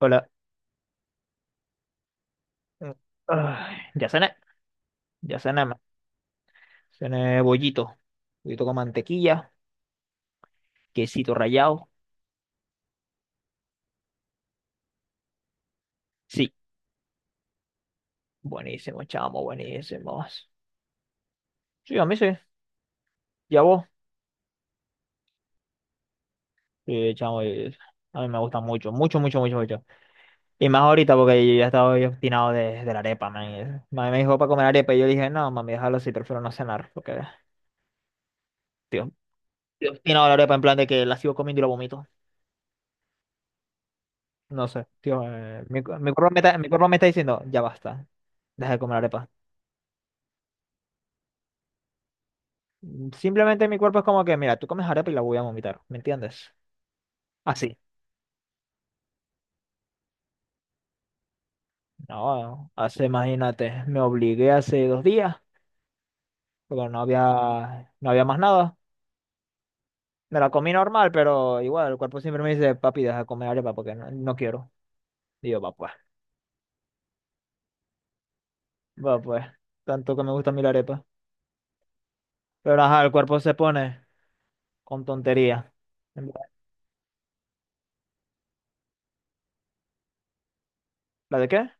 Hola. Mm, ay, ya cené, ya cené, ma. Cené bollito, bollito con mantequilla, quesito rallado. Sí, buenísimo, chamo, buenísimo. Sí, a mí sí. ¿Y a vos? Sí, chamo, a mí me gusta mucho, mucho, mucho, mucho, mucho. Y más ahorita porque yo ya estaba yo obstinado de la arepa, man. Mami me dijo para comer arepa y yo le dije, no, mami, déjalo así, prefiero no cenar. Porque tío, estoy obstinado de la arepa en plan de que la sigo comiendo y la vomito. No sé, tío, mi cuerpo me está diciendo, ya basta, deja de comer arepa. Simplemente mi cuerpo es como que, mira, tú comes arepa y la voy a vomitar, ¿me entiendes? Así. No, hace, imagínate, me obligué hace 2 días, porque no había más nada. Me la comí normal, pero igual, el cuerpo siempre me dice, papi, deja de comer arepa porque no, no quiero. Y yo, va pues, tanto que me gusta a mí la arepa. Pero ajá, el cuerpo se pone con tontería. En plan, ¿la de qué?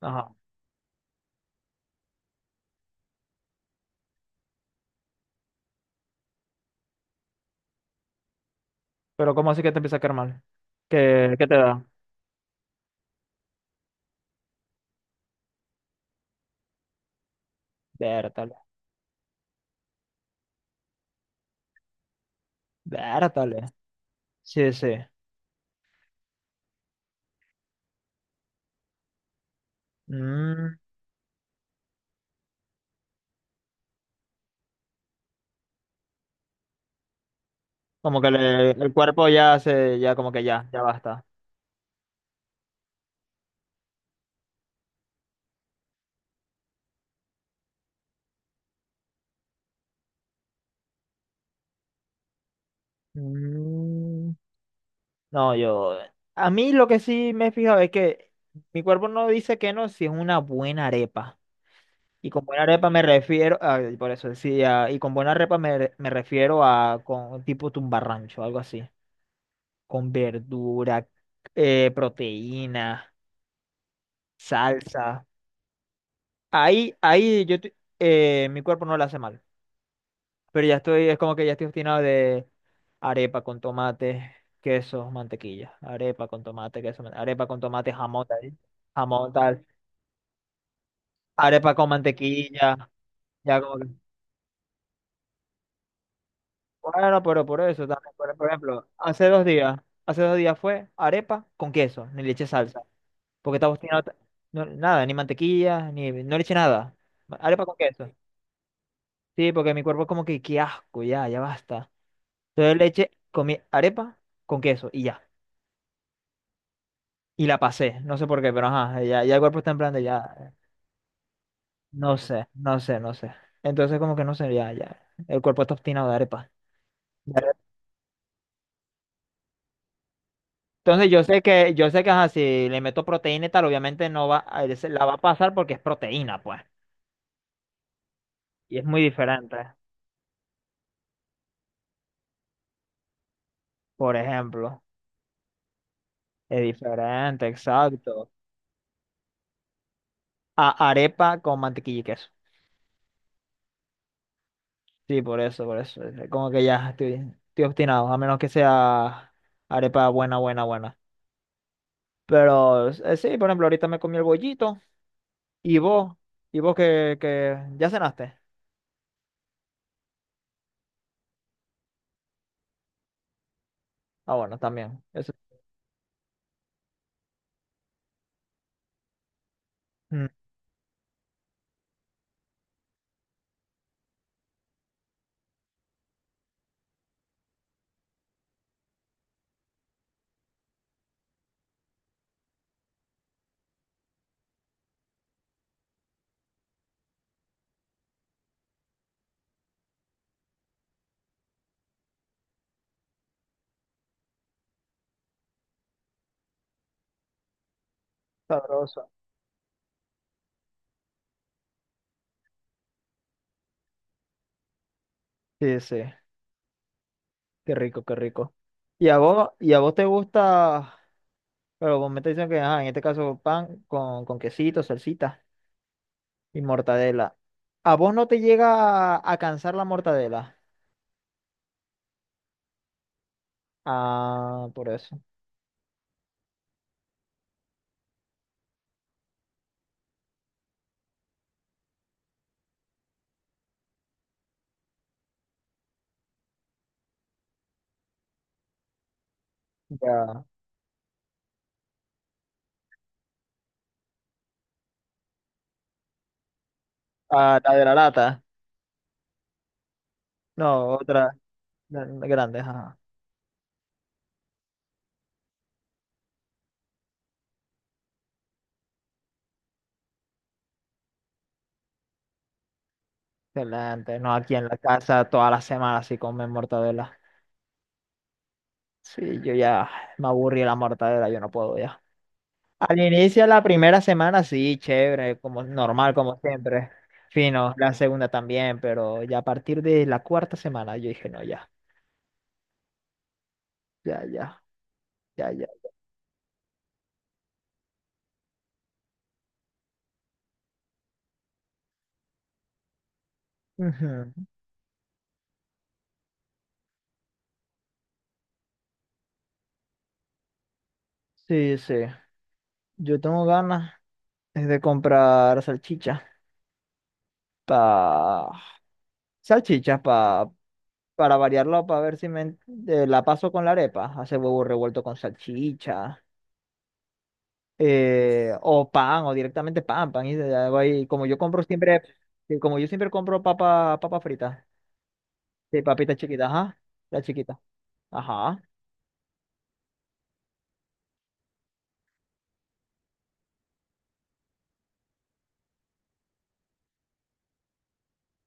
Ajá. Pero ¿cómo así que te empieza a caer mal? ¿Qué te da? Vértale, vértale. Sí, sí. Mm. Como que el cuerpo ya se, ya como que ya, ya basta. Mm, no, yo, a mí lo que sí me he fijado es que mi cuerpo no dice que no si es una buena arepa. Y con buena arepa me refiero, a, por eso decía, y con buena arepa me refiero a con tipo tumbarrancho, algo así. Con verdura, proteína, salsa. Ahí yo, mi cuerpo no le hace mal. Pero ya estoy, es como que ya estoy obstinado de arepa con tomate, queso, mantequilla. Arepa con tomate, queso, arepa con tomate, jamón, tal, jamón, tal. Arepa con mantequilla, ya como que. Bueno, pero por eso también, por ejemplo, hace 2 días, hace 2 días fue arepa con queso, ni le eché salsa, porque estaba obstinado, nada, ni mantequilla, ni, no le eché nada. Arepa con queso. Sí, porque mi cuerpo como que, qué asco, ya, ya basta. Entonces comí arepa con queso y ya. Y la pasé, no sé por qué, pero ajá, ya, ya el cuerpo está en plan de ya, no sé, no sé, no sé. Entonces como que no sé, ya, ya, el cuerpo está obstinado de arepa. Ya. Entonces yo sé que ajá, si le meto proteína y tal, obviamente no va, se la va a pasar porque es proteína, pues. Y es muy diferente, por ejemplo. Es diferente, exacto. A arepa con mantequilla y queso. Sí, por eso, por eso es como que ya estoy, obstinado, a menos que sea arepa buena, buena, buena. Pero sí, por ejemplo, ahorita me comí el bollito. Y vos, y vos que ya cenaste. Ah, bueno, también. Eso. Mm, sabroso. Sí, sí. Qué rico, qué rico. Y a vos te gusta, pero vos me te dicen que, ajá, en este caso pan con quesito, salsita y mortadela. ¿A vos no te llega a cansar la mortadela? Ah, por eso. Ya. Ah, la de la lata. No, otra la grande, ajá. Excelente. No, aquí en la casa todas las semanas sí comen mortadela. Sí, yo ya me aburrí de la mortadela, yo no puedo ya. Al inicio de la primera semana, sí, chévere, como normal, como siempre. Fino, la segunda también, pero ya a partir de la cuarta semana yo dije, no, ya, ya, ya, ya, ya. Ujú. Sí, sí. Yo tengo ganas es de comprar salchichas pa... salchichas pa... para variarlo, para ver si me... la paso con la arepa. Hacer huevo revuelto con salchicha. O pan, o directamente pan, pan y de algo ahí. Como yo compro siempre, sí, como yo siempre compro papa, papa frita, sí, papita chiquita, ajá, la chiquita, ajá.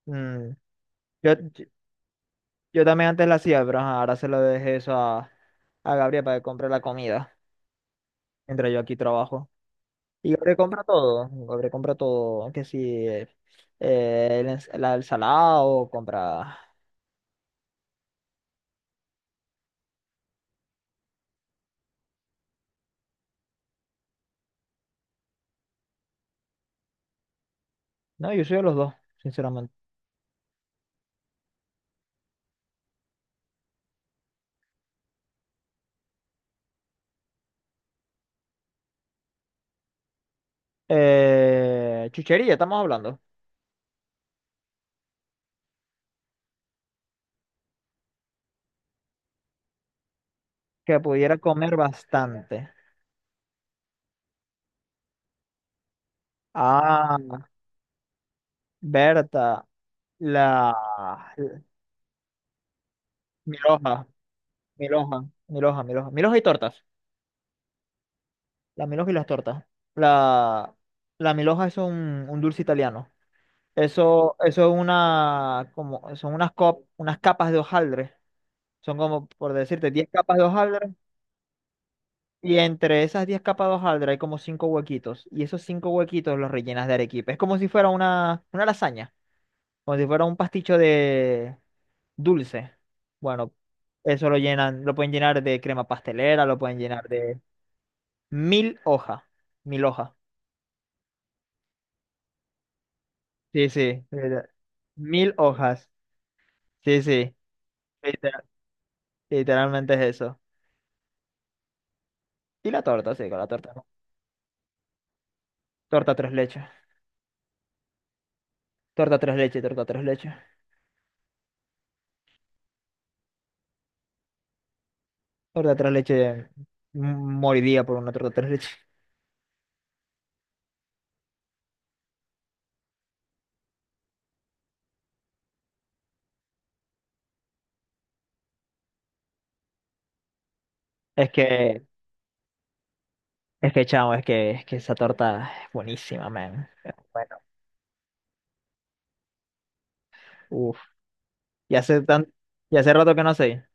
Mm, Yo, yo, yo también antes la hacía, pero ajá, ahora se lo dejé eso a Gabriel para que compre la comida, mientras yo aquí trabajo. Y Gabriel compra todo, que si la ensalada o compra... No, yo soy de los dos, sinceramente. Chuchería, estamos hablando, que pudiera comer bastante. Ah, Berta, la Miloja, Miloja, Miloja, Miloja, Miloja y tortas. La Miloja y las tortas. La, la Miloja es un dulce italiano. Eso es una, como, son unas, cop- unas capas de hojaldre. Son como, por decirte, 10 capas de hojaldre. Y entre esas 10 capas de hojaldre hay como 5 huequitos. Y esos 5 huequitos los rellenas de arequipe. Es como si fuera una lasaña. Como si fuera un pasticho dulce. Bueno, eso lo llenan, lo pueden llenar de crema pastelera, lo pueden llenar de mil hojas. Mil hojas. Sí, sí. Literal. Mil hojas. Sí, sí. literal- literalmente es eso. Y la torta, sí, con la torta, ¿no? Torta tres leches. Torta tres leches, torta tres leches. Torta tres leches. mm, Moriría por una torta tres leches. Es que, es que, chamo, es que esa torta es buenísima, man. Bueno, uff. Y hace tan, y hace rato que no sé.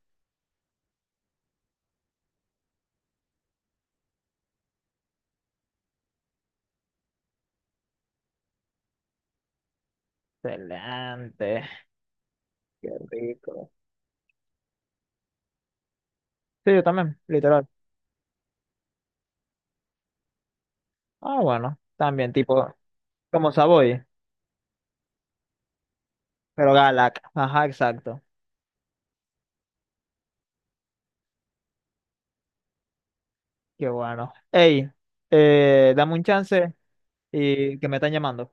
Excelente. Qué rico. Sí, yo también, literal. Ah, bueno, también, tipo, como Savoy, pero Galak. Ajá, exacto. Qué bueno. Ey, dame un chance y que me están llamando.